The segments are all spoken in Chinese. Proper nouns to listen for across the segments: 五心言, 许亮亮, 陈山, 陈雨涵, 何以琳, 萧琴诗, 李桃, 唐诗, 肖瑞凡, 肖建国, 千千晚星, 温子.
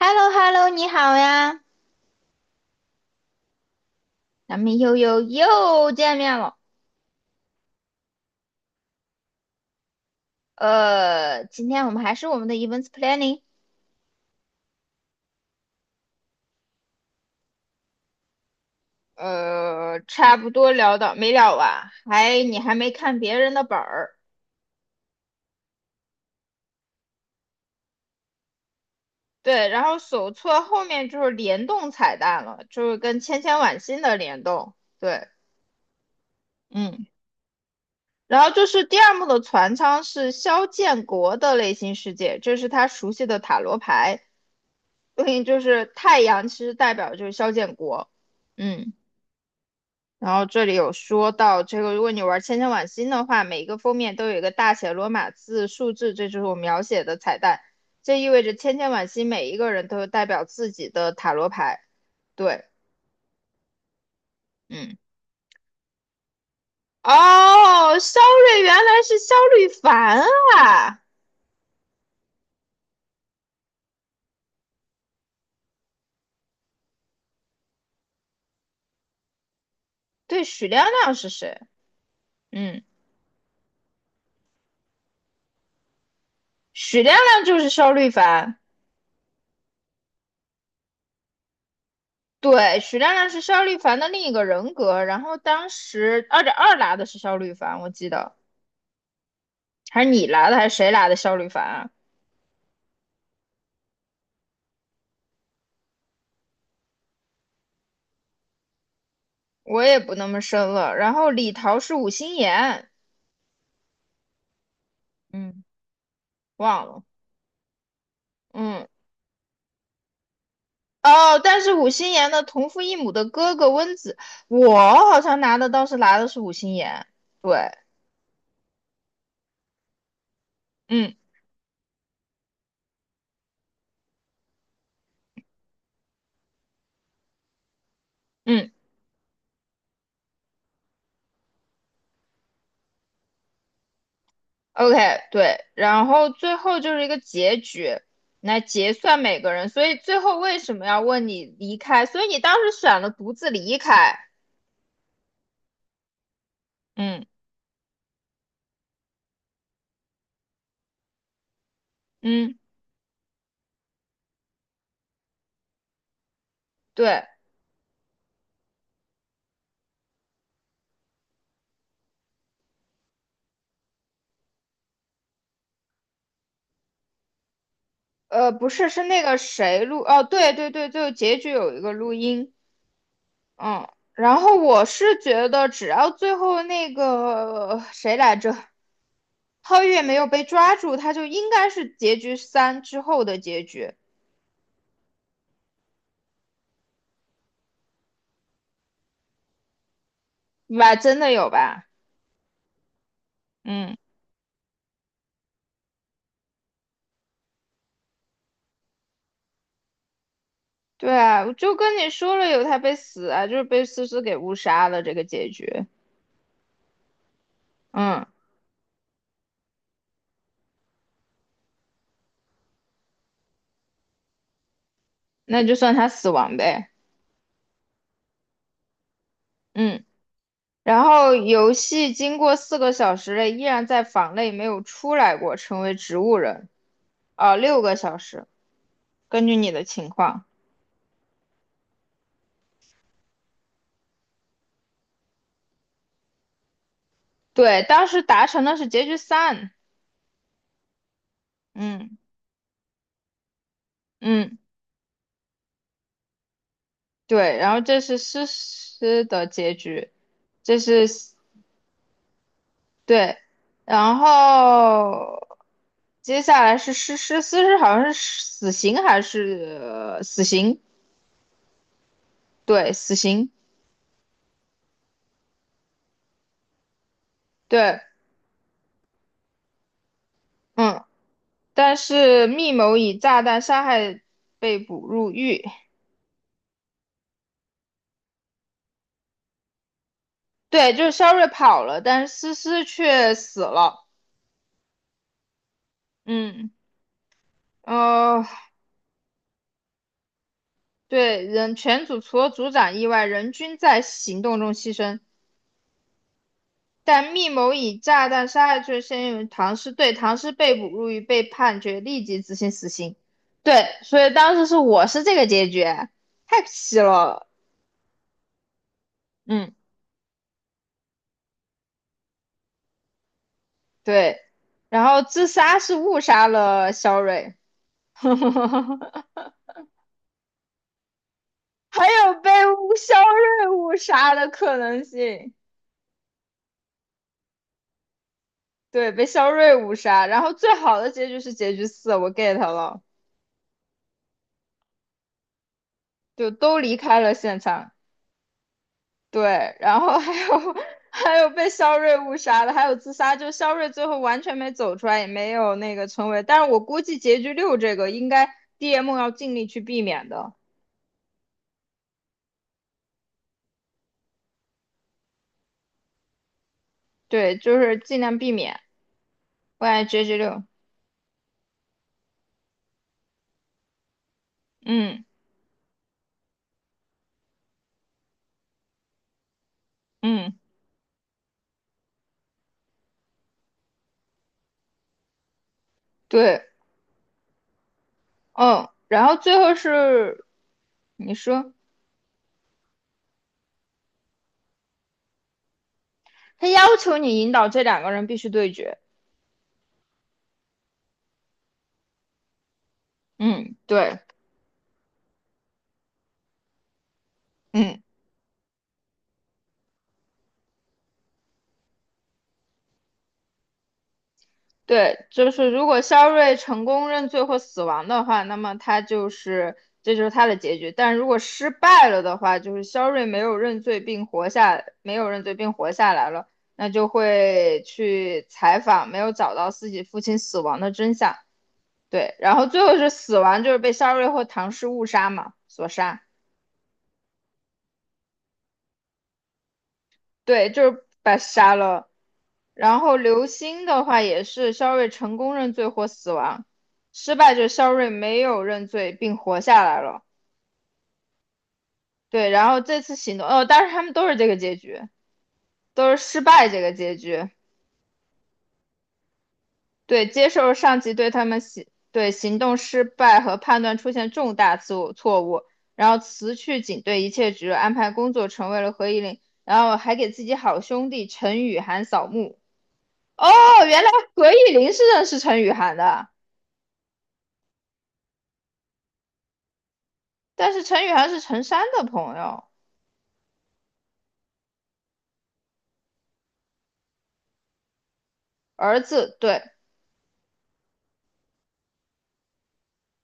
h e l l o h e l l o 你好呀，咱们又又又见面了。今天我们还是我们的 events planning，差不多聊到没聊完，你还没看别人的本儿，对，然后手册后面就是联动彩蛋了，就是跟千千晚星的联动，对，嗯，然后就是第二幕的船舱是肖建国的内心世界，这是他熟悉的塔罗牌，对应就是太阳，其实代表就是肖建国，嗯。然后这里有说到这个，如果你玩千千晚星的话，每一个封面都有一个大写罗马字数字，这就是我描写的彩蛋。这意味着千千晚星每一个人都有代表自己的塔罗牌。对，嗯，哦，肖瑞原来是肖瑞凡啊！对，许亮亮是谁？嗯，许亮亮就是肖瑞凡。对，许亮亮是肖瑞凡的另一个人格。然后当时2.2拿的是肖瑞凡，我记得还是你拿的还是谁拿的肖瑞凡啊？我也不那么深了。然后李桃是五心言，嗯，忘了，嗯，哦，但是五心言的同父异母的哥哥温子，我好像拿的倒是拿的是五心言，对，嗯嗯，OK,对，然后最后就是一个结局，来结算每个人，所以最后为什么要问你离开？所以你当时选了独自离开，嗯嗯，对，不是，是那个谁录，哦，对对对，最后结局有一个录音。嗯，然后我是觉得，只要最后那个谁来着，皓月没有被抓住，他就应该是结局三之后的结局，吧？真的有吧？嗯，对啊，我就跟你说了，有他被死啊，就是被思思给误杀了这个结局。嗯，那就算他死亡呗。嗯，然后游戏经过4个小时了，依然在房内没有出来过，成为植物人。啊、6个小时，根据你的情况。对，当时达成的是结局三，嗯嗯，对，然后这是诗诗的结局，这是对，然后接下来是诗诗好像是死刑还是、死刑？对，死刑，对，嗯，但是密谋以炸弹杀害被捕入狱，对，就是肖瑞跑了，但是思思却死了，嗯。哦，对，人全组除了组长以外，人均在行动中牺牲。但密谋以炸弹杀害罪先用于唐诗对，唐诗被捕入狱，被判决立即执行死刑。对，所以当时是我是这个结局，太皮了。嗯，对，然后自杀是误杀了肖瑞，还有被肖瑞误杀的可能性。对，被肖瑞误杀。然后最好的结局是结局四，我 get 了。就都离开了现场。对，然后还有 还有被肖瑞误杀的，还有自杀，就肖瑞最后完全没走出来，也没有那个成为。但是我估计结局六这个应该 DM 要尽力去避免的，对，就是尽量避免。我感觉结局六，嗯嗯，对，嗯，然后最后是你说他要求你引导这两个人必须对决，嗯，对，嗯。对，就是如果肖瑞成功认罪或死亡的话，那么他就是这就是他的结局。但如果失败了的话，就是肖瑞没有认罪并活下，没有认罪并活下来了，那就会去采访没有找到自己父亲死亡的真相。对，然后最后是死亡，就是被肖瑞或唐氏误杀嘛，所杀。对，就是把他杀了。然后刘星的话也是肖瑞成功认罪或死亡，失败者肖瑞没有认罪并活下来了。对，然后这次行动，哦，但是他们都是这个结局，都是失败这个结局。对，接受上级对他们行动失败和判断出现重大错误，然后辞去警队一切职务，安排工作成为了何以琳，然后还给自己好兄弟陈雨涵扫墓。哦，原来何以琳是认识陈雨涵的。但是陈雨涵是陈山的朋友，儿子，对，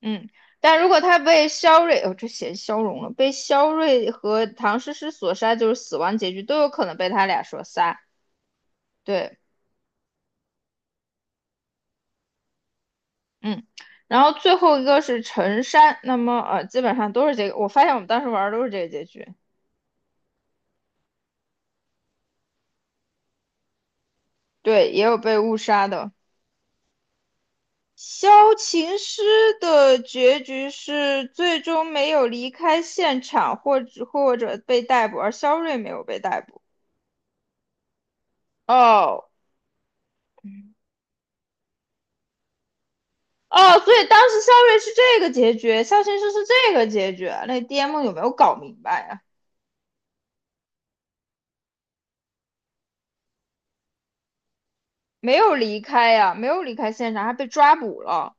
嗯。但如果他被肖瑞，哦，这写消融了，被肖瑞和唐诗诗所杀，就是死亡结局，都有可能被他俩所杀。对，嗯。然后最后一个是陈山，那么基本上都是这个。我发现我们当时玩儿都是这个结局，对，也有被误杀的。萧琴诗的结局是最终没有离开现场，或者被逮捕，而肖瑞没有被逮捕。哦，哦，所以当时肖瑞是这个结局，肖先生是这个结局，那 DM 有没有搞明白呀、没有离开呀、没有离开现场，还被抓捕了。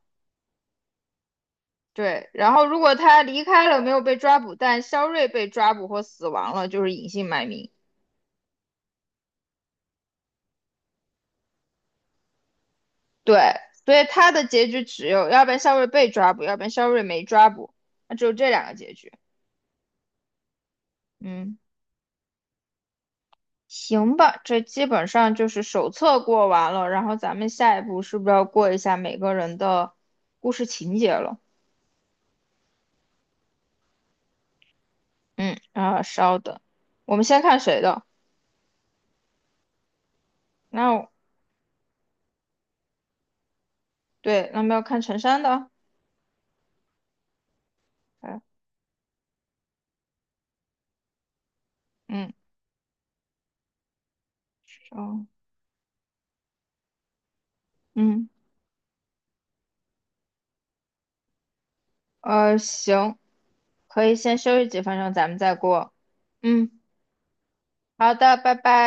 对，然后如果他离开了，没有被抓捕，但肖瑞被抓捕或死亡了，就是隐姓埋名。对，所以他的结局只有，要不然肖瑞被抓捕，要不然肖瑞没抓捕，那只有这两个结局。嗯，行吧，这基本上就是手册过完了，然后咱们下一步是不是要过一下每个人的故事情节了？嗯，啊，稍等，我们先看谁的？那我对，那么要看陈山的。哎，嗯，稍，嗯，行，可以先休息几分钟，咱们再过。嗯，好的，拜拜。